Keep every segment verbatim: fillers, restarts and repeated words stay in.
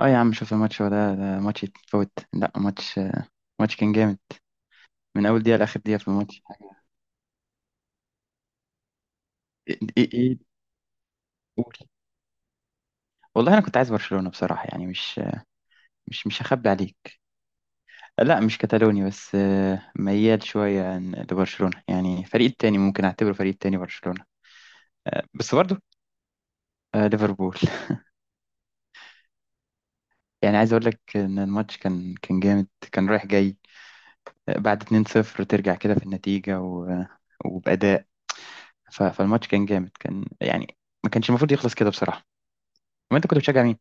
اه يا عم، شوف الماتش. هو ده ده ماتش يتفوت؟ لا ماتش. ماتش كان جامد من اول دقيقه لاخر دقيقه في الماتش حاجه. ايه ايه إيه؟ قول. والله انا كنت عايز برشلونه بصراحه. يعني مش مش مش هخبي عليك. لا، مش كتالوني بس آه، ميال شويه عن- لبرشلونه. يعني فريق التاني، ممكن اعتبره فريق التاني برشلونه. آه، بس برضه آه، ليفربول يعني عايز اقول لك ان الماتش كان كان جامد، كان رايح جاي. آه، بعد اتنين صفر ترجع كده في النتيجه و- آه، وباداء. ف- فالماتش كان جامد كان يعني، ما كانش المفروض يخلص كده بصراحه. ما انت كنت بتشجع مين؟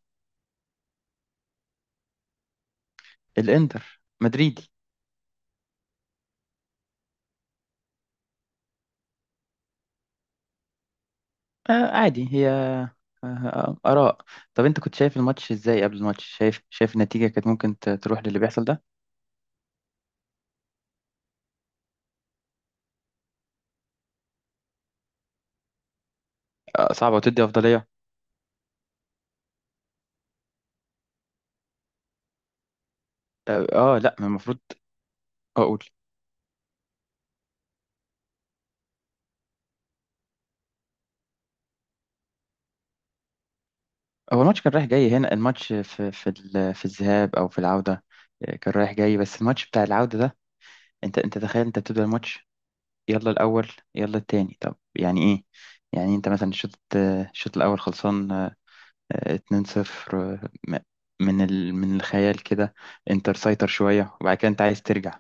الانتر مدريدي؟ آه عادي، هي آه. آه، آراء. طب انت كنت شايف الماتش ازاي قبل الماتش؟ شايف شايف النتيجة كانت ممكن ت- تروح للي بيحصل ده؟ آه صعبة وتدي أفضلية. اه آه، لا، ما المفروض اقول. هو الماتش كان رايح جاي. هنا الماتش، في في ال- في الذهاب او في العودة؟ آه، كان رايح جاي. بس الماتش بتاع العودة ده، انت انت تخيل، انت بتبدأ الماتش يلا الاول يلا التاني، طب يعني ايه؟ يعني انت مثلا الشوط آه، الشوط الاول خلصان، آه، اتنين صفر. من ال... من الخيال كده. انت تسيطر شوية، وبعد كده انت عايز ترجع.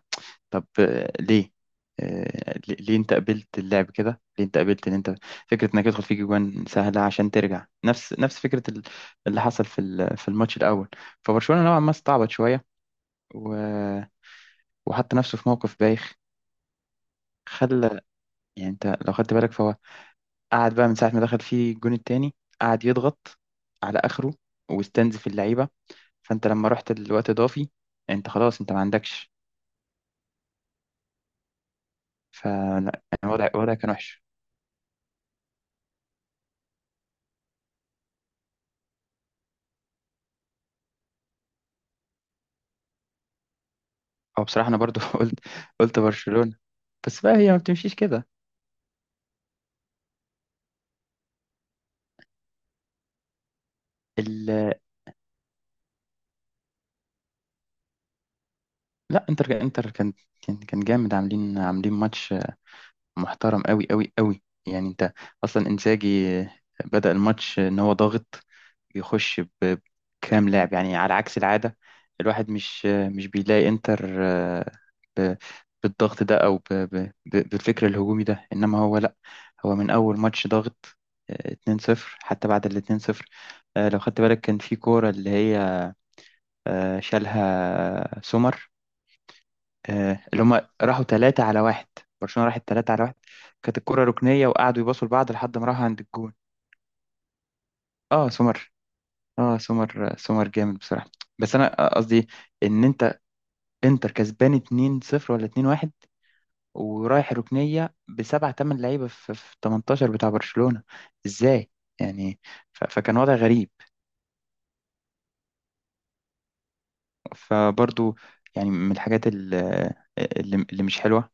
طب آه، ليه؟ آه، ليه ليه انت قبلت اللعب كده؟ ليه انت قبلت ان انت فكرة انك يدخل فيك جوان سهلة عشان ترجع نفس نفس فكرة ال- اللي حصل في ال- في الماتش الاول؟ فبرشلونة نوعا ما استعبط شوية و... وحط نفسه في موقف بايخ. خلى. يعني انت لو خدت بالك، فهو قعد بقى من ساعة ما دخل فيه الجون التاني، قعد يضغط على اخره، واستنزف اللعيبة. فانت لما رحت الوقت اضافي، انت خلاص، انت ما عندكش. فلا يعني، وضع وضع كان وحش. او بصراحه انا برضو قلت قلت برشلونه. بس بقى هي ما بتمشيش كده. ال... لا، انتر انتر كان كان كان جامد. عاملين عاملين ماتش محترم، قوي قوي قوي. يعني انت اصلا انزاجي بدأ الماتش ان هو ضاغط، يخش ب- بكام لاعب. يعني على عكس العادة، الواحد مش مش بيلاقي انتر آه، ب- بالضغط ده، او ب- ب- ب- بالفكر الهجومي ده. انما هو لا، هو من اول ماتش ضاغط. آه، اتنين صفر، حتى بعد ال اتنين صفر آه، لو خدت بالك، كان في كورة اللي هي آه، شالها سمر، آه، اللي هم راحوا ثلاثة على واحد. برشلونة راحت ثلاثة على واحد، كانت الكرة ركنية وقعدوا يباصوا لبعض لحد ما راحوا عند الجون. اه سمر. اه، سمر سمر جامد بصراحة. بس انا آه، قصدي ان انت، انتر كسبان اتنين صفر ولا اتنين واحد، ورايح ركنية بسبعة تمن لعيبة في في تمنتاشر بتاع برشلونة. ازاي يعني؟ ف- فكان وضع غريب. فبرضو يعني من الحاجات ال- اللي اللي مش حلوة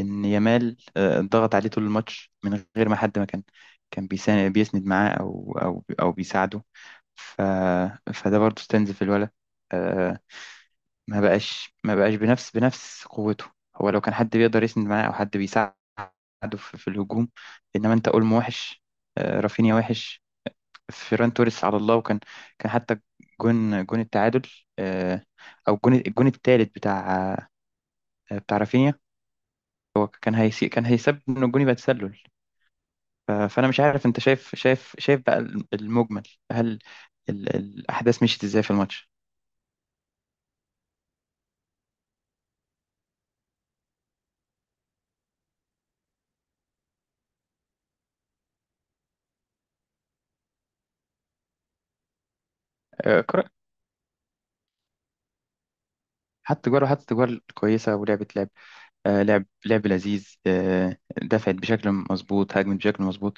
ان يامال آه، ضغط عليه طول الماتش، من غير ما حد ما كان كان بيسا- بيسند معاه او او او بيساعده. ف فده برضو استنزف الولد آه، ما بقاش ما بقاش بنفس بنفس قوته. هو لو كان حد بيقدر يسند معاه او حد بيساعده في, في الهجوم. انما انت اولمو وحش، آه، رافينيا وحش، فيران توريس على الله. وكان كان حتى جون جون التعادل، آه، او الجون الجون الثالث بتاع، آه، بتاع رافينيا، هو كان هيسي، كان هيسبب ان الجون يبقى تسلل. ف- فانا مش عارف انت شايف، شايف شايف بقى المجمل، هل ال- الاحداث مشيت ازاي في الماتش؟ آه، كرة- حط جوار، وحط جوار كويسة، ولعبة لعب آه، لعب لعب لذيذ. آه، دفعت بشكل مظبوط، هاجمت بشكل مظبوط.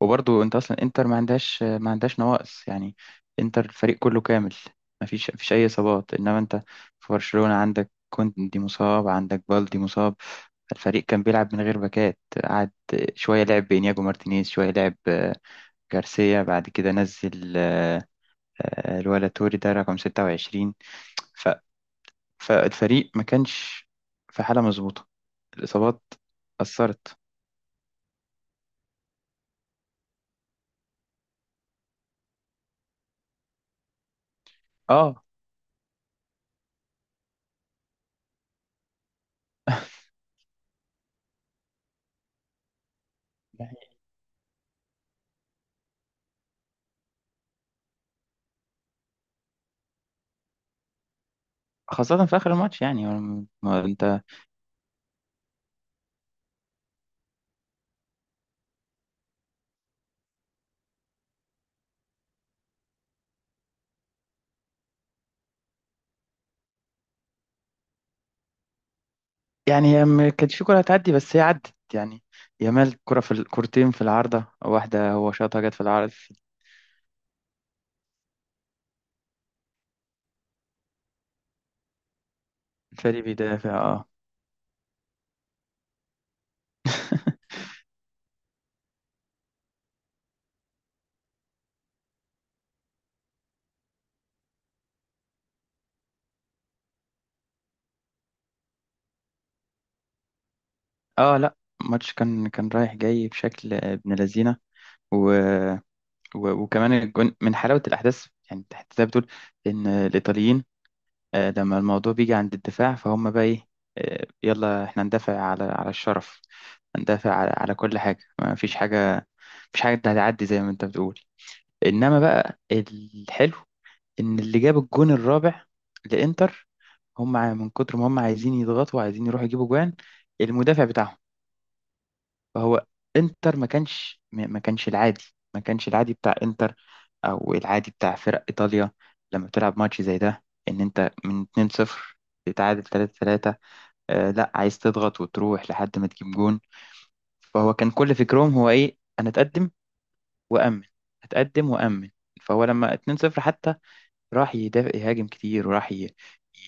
وبرضو انت اصلا انتر ما عندهاش ما عندهاش نواقص يعني. انتر الفريق كله كامل. ما فيش ما فيش اي اصابات. انما انت في برشلونة، عندك كوندي مصاب، عندك بالدي مصاب، الفريق كان بيلعب من غير باكات. قعد شوية لعب بإنياجو مارتينيز، شوية لعب آه، جارسيا، بعد كده نزل آه، آه، الولا توري ده رقم ستة وعشرين. ف... فالفريق ما كانش في حالة مظبوطة، الإصابات أثرت. اه، يعني خاصة في آخر الماتش، يعني ما ما أنت يعني. هي ما كانش في كرة هتعدي، بس هي عدت يعني. يامال كرة في الكورتين، في العارضة واحدة هو شاطها جت في العارض. الفريق بيدافع اه. اه لا، الماتش كان كان رايح جاي بشكل ابن لذينه. و... و... وكمان الجون من حلاوه الاحداث. يعني انت حتى زي ما بتقول ان الايطاليين، آه، لما الموضوع بيجي عند الدفاع، فهم بقى ايه، آه، يلا احنا ندافع على على الشرف، ندافع على, على كل حاجة. ما فيش حاجة، مفيش حاجة هتعدي زي ما انت بتقول. انما بقى الحلو ان اللي جاب الجون الرابع لإنتر، هم ع- من كتر ما هم عايزين يضغطوا، وعايزين يروحوا يجيبوا جوان، المدافع بتاعهم. فهو انتر، ما كانش ما ما كانش العادي، ما كانش العادي بتاع انتر، او العادي بتاع فرق ايطاليا، لما بتلعب ماتش زي ده. ان انت من اتنين صفر تتعادل ثلاثة ثلاثة، آه لا، عايز تضغط وتروح لحد ما تجيب جون. فهو كان كل فكرهم هو ايه؟ انا اتقدم وامن، اتقدم وامن. فهو لما اتنين صفر حتى، راح يدافع، يهاجم كتير، وراح ي-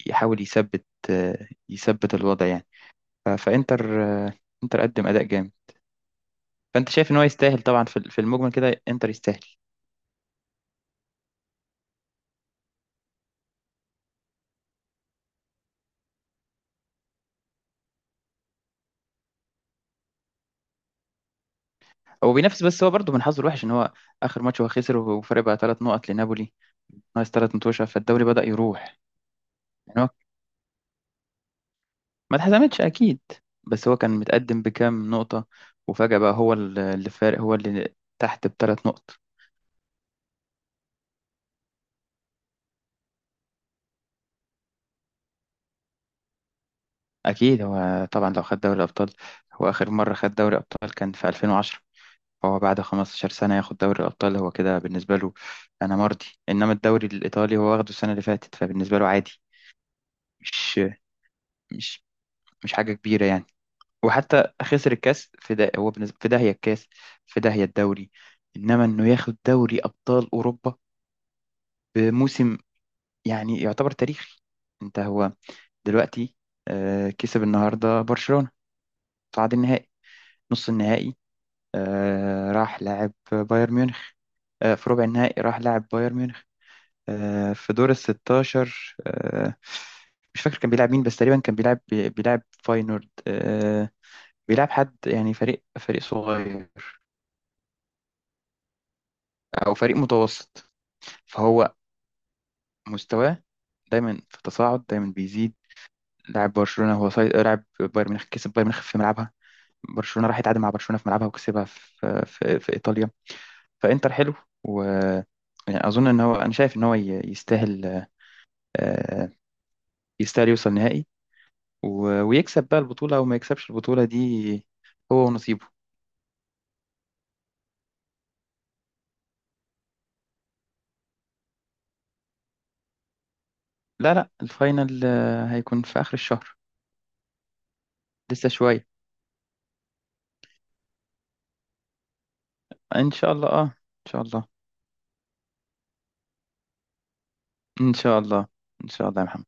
يحاول يثبت، آه يثبت الوضع يعني. ف- فانتر آه، انتر قدم اداء جامد. فانت شايف ان هو يستاهل طبعا في في المجمل كده، انتر يستاهل. هو بينافس. بس هو برضه من حظه الوحش ان هو اخر ماتش هو خسر، وفرق بقى ثلاث نقط لنابولي. ناقص ثلاث متوشه، فالدوري بدأ يروح. يعني هو ما اتحسمتش اكيد، بس هو كان متقدم بكام نقطه، وفجأة بقى هو ال- اللي فارق، هو اللي تحت بثلاث نقط. اكيد هو طبعا لو خد دوري الابطال. هو اخر مره خد دوري الابطال كان في ألفين وعشرة. فهو بعد خمسة عشر سنه ياخد دوري الابطال، هو كده بالنسبه له انا مرضي. انما الدوري الايطالي هو واخده السنه اللي فاتت، فبالنسبه له عادي، مش مش مش حاجه كبيره يعني. وحتى خسر الكاس، في ده هو بالنسبة في داهية الكاس، في داهية الدوري. انما انه ياخد دوري ابطال اوروبا بموسم، يعني يعتبر تاريخي. انت هو دلوقتي آه، كسب النهارده برشلونة، صعد النهائي، نص النهائي. آه، راح لاعب بايرن ميونخ آه، في ربع النهائي، راح لاعب بايرن ميونخ آه، في دور ال ستاشر. آه، مش فاكر كان بيلعب مين، بس تقريبا كان بيلعب بيلعب فاينورد، آه، بيلعب حد يعني، فريق فريق صغير او فريق متوسط. فهو مستواه دايما في تصاعد، دايما بيزيد. لاعب برشلونه، هو صيد لاعب بايرن ميونخ، كسب بايرن ميونخ في ملعبها، برشلونه راح يتعادل مع برشلونه في ملعبها وكسبها في في, في ايطاليا. فانتر حلو، و يعني اظن ان هو، انا شايف ان هو ي- يستاهل آه، يستاهل يوصل نهائي، و- ويكسب بقى البطوله، او ما يكسبش البطوله دي، هو ونصيبه. لا لا، الفاينل آه، هيكون في اخر الشهر، لسه شويه. ان شاء الله، اه ان شاء الله، ان شاء الله. ان شاء الله يا محمد.